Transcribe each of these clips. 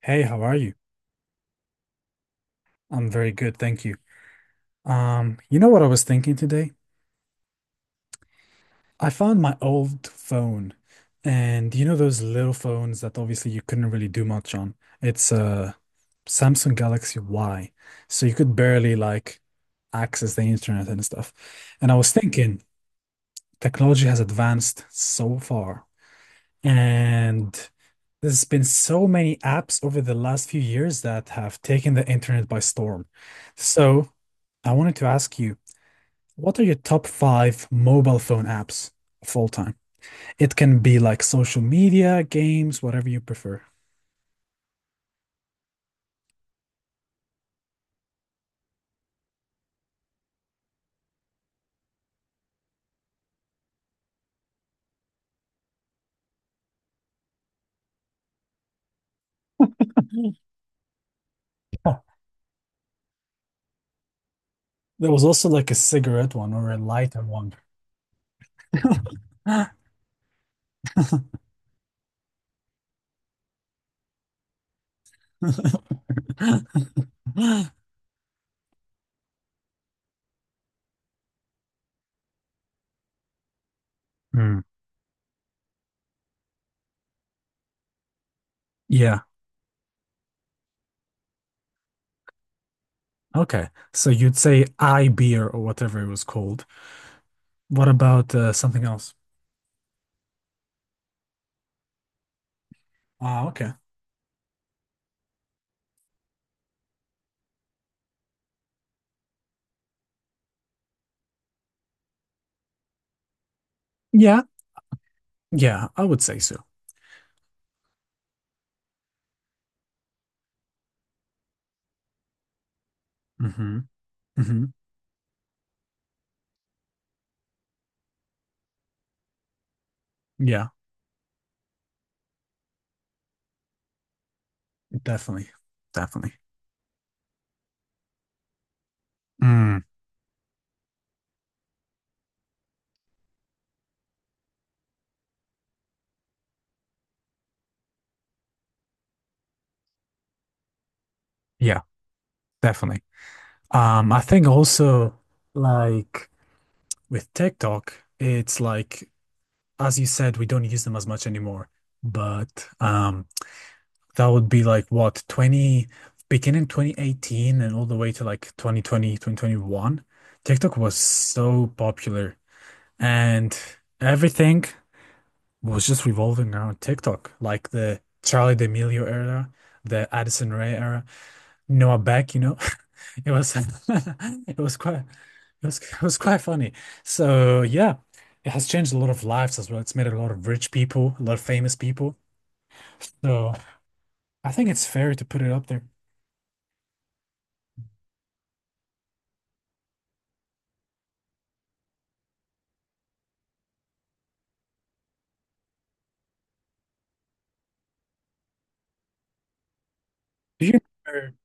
Hey, how are you? I'm very good, thank you. You know what I was thinking today? I found my old phone, and you know those little phones that obviously you couldn't really do much on. It's a Samsung Galaxy Y, so you could barely like access the internet and stuff. And I was thinking, technology has advanced so far, and there's been so many apps over the last few years that have taken the internet by storm. So I wanted to ask you. What are your top five mobile phone apps of all time? It can be like social media, games, whatever you prefer. Huh. There was also like a cigarette one or a lighter one. Hmm. Yeah. Okay. So you'd say I beer or whatever it was called. What about something else? Ah, okay. Yeah. Yeah, I would say so. Hmm. Hmm. Yeah, definitely. Definitely. Mm. Yeah, definitely. I think also like with TikTok, it's like as you said, we don't use them as much anymore. But that would be like what 20 beginning 2018 and all the way to like 2020 2021, TikTok was so popular and everything was just revolving around TikTok, like the Charli D'Amelio era, the Addison Rae era. Noah Beck, you know, it was it was it was quite funny. So yeah, it has changed a lot of lives as well. It's made a lot of rich people, a lot of famous people. So I think it's fair to put it up there. Do you remember?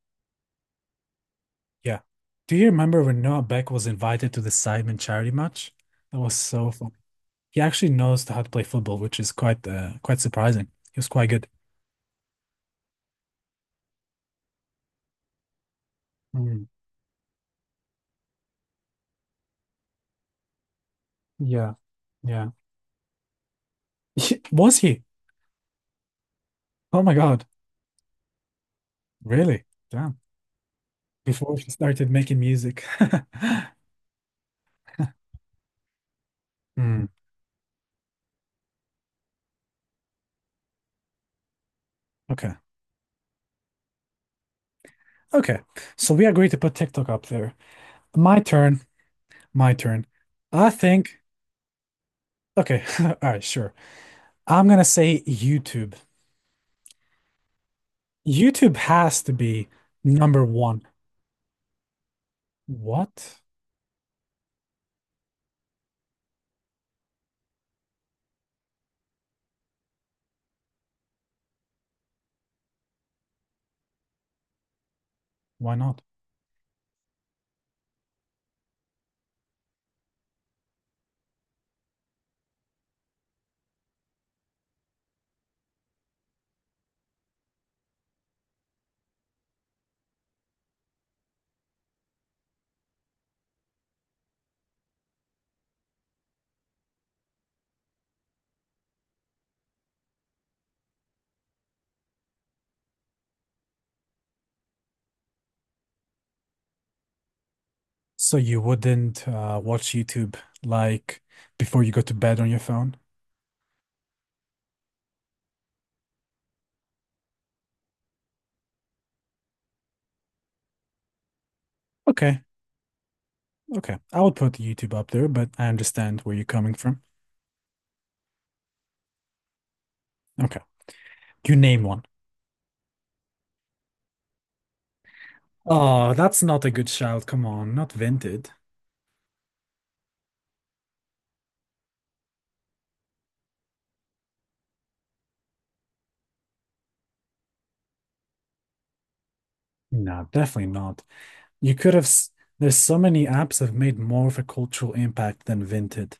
Yeah. Do you remember when Noah Beck was invited to the Sidemen charity match? That was so fun. He actually knows how to play football, which is quite surprising. He was quite good. Mm, yeah. Yeah. Was he? Oh my God. Really? Damn. Before she started making music. Mm, okay. Okay. So we agreed to put TikTok up there. My turn. My turn. I think. Okay. All right. Sure. I'm gonna say YouTube. YouTube has to be number one. What? Why not? So you wouldn't watch YouTube like before you go to bed on your phone? Okay, okay. I would put YouTube up there, but I understand where you're coming from. Okay. You name one. Oh, that's not a good shout. Come on, not Vinted. No, definitely not. You could have. There's so many apps have made more of a cultural impact than Vinted.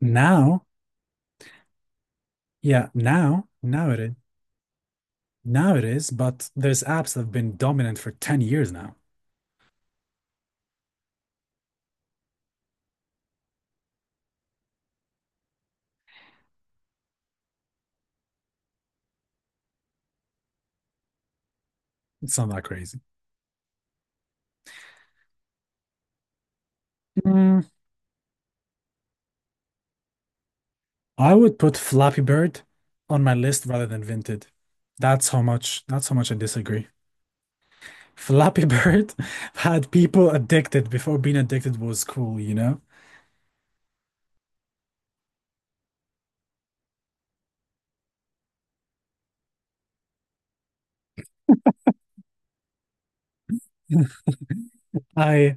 Now, yeah, now, now it is. Now it is, but there's apps that have been dominant for 10 years now. It's not that crazy. Mm, I would put Flappy Bird on my list rather than Vinted. That's how much I disagree. Flappy Bird had people addicted before being addicted was cool, you know? I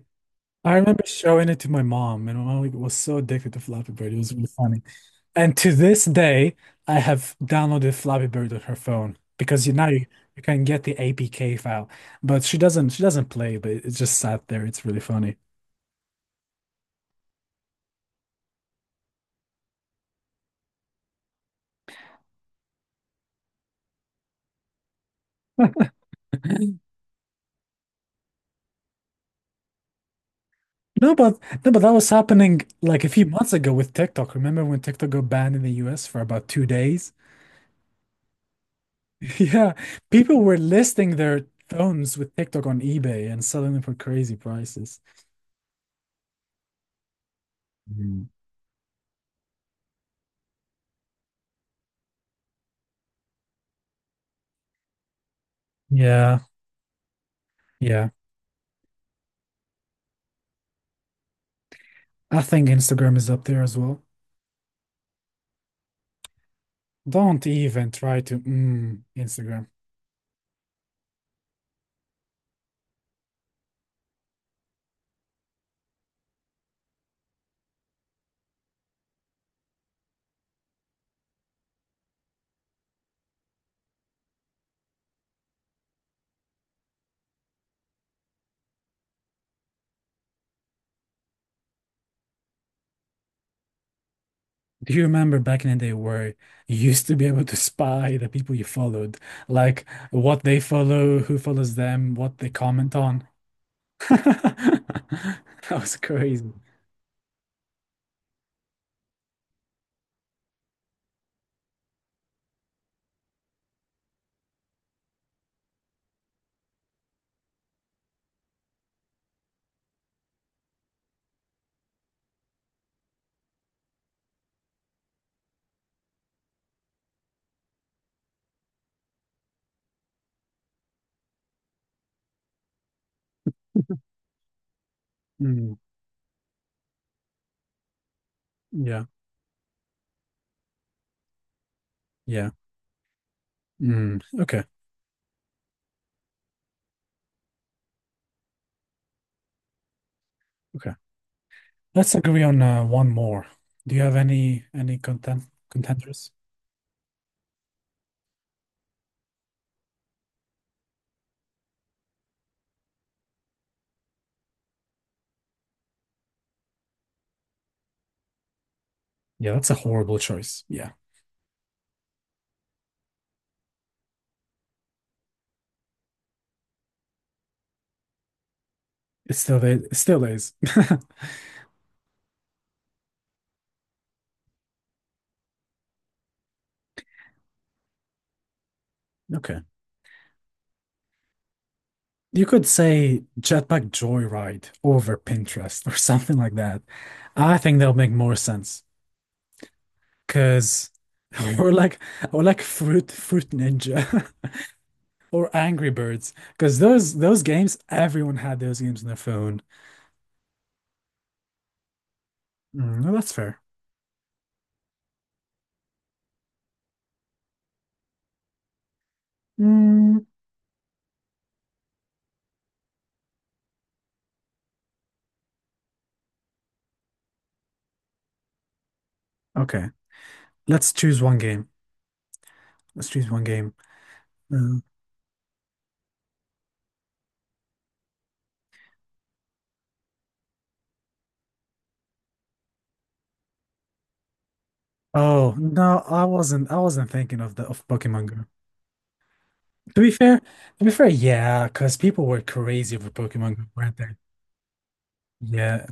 I remember showing it to my mom, and my mom like, was so addicted to Flappy Bird. It was really funny. And to this day, I have downloaded Flappy Bird on her phone because you can get the APK file, but she doesn't play, but it just sat there. It's really funny. No, but no, but that was happening like a few months ago with TikTok. Remember when TikTok got banned in the US for about 2 days? Yeah, people were listing their phones with TikTok on eBay and selling them for crazy prices. Mm. Yeah, yeah. I think Instagram is up there as well. Don't even try to mm, Instagram. Do you remember back in the day where you used to be able to spy the people you followed, like what they follow, who follows them, what they comment on? That was crazy. Mm, yeah, yeah. Mm, okay, okay. Let's agree on one more. Do you have any content contenders? Yeah, that's a horrible choice. Yeah, it still is, it still is. Okay. You could say Jetpack Joyride over Pinterest or something like that. I think that'll make more sense because we're like we're like fruit ninja. Or Angry Birds, because those games, everyone had those games on their phone. Mm, no, that's fair. Mm, okay, let's choose one game. Let's choose one game. Mm. Oh no, I wasn't. I wasn't thinking of the of Pokemon Go. To be fair, to be fair, yeah, because people were crazy over Pokemon Go, weren't they? Yeah,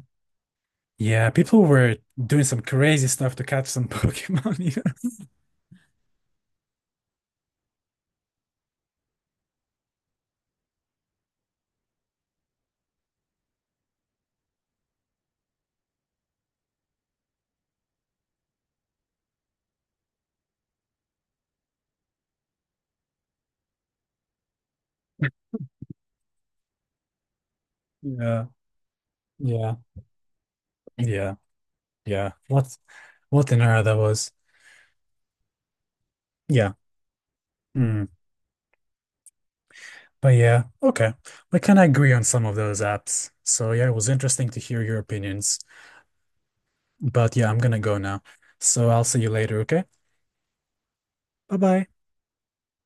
yeah, people were doing some crazy stuff to catch some Pokemon. You know? Yeah, yeah, yeah, yeah. What an era that was. Yeah. Mm. But yeah, okay. We kind of agree on some of those apps. So yeah, it was interesting to hear your opinions. But yeah, I'm gonna go now. So I'll see you later, okay? Bye bye.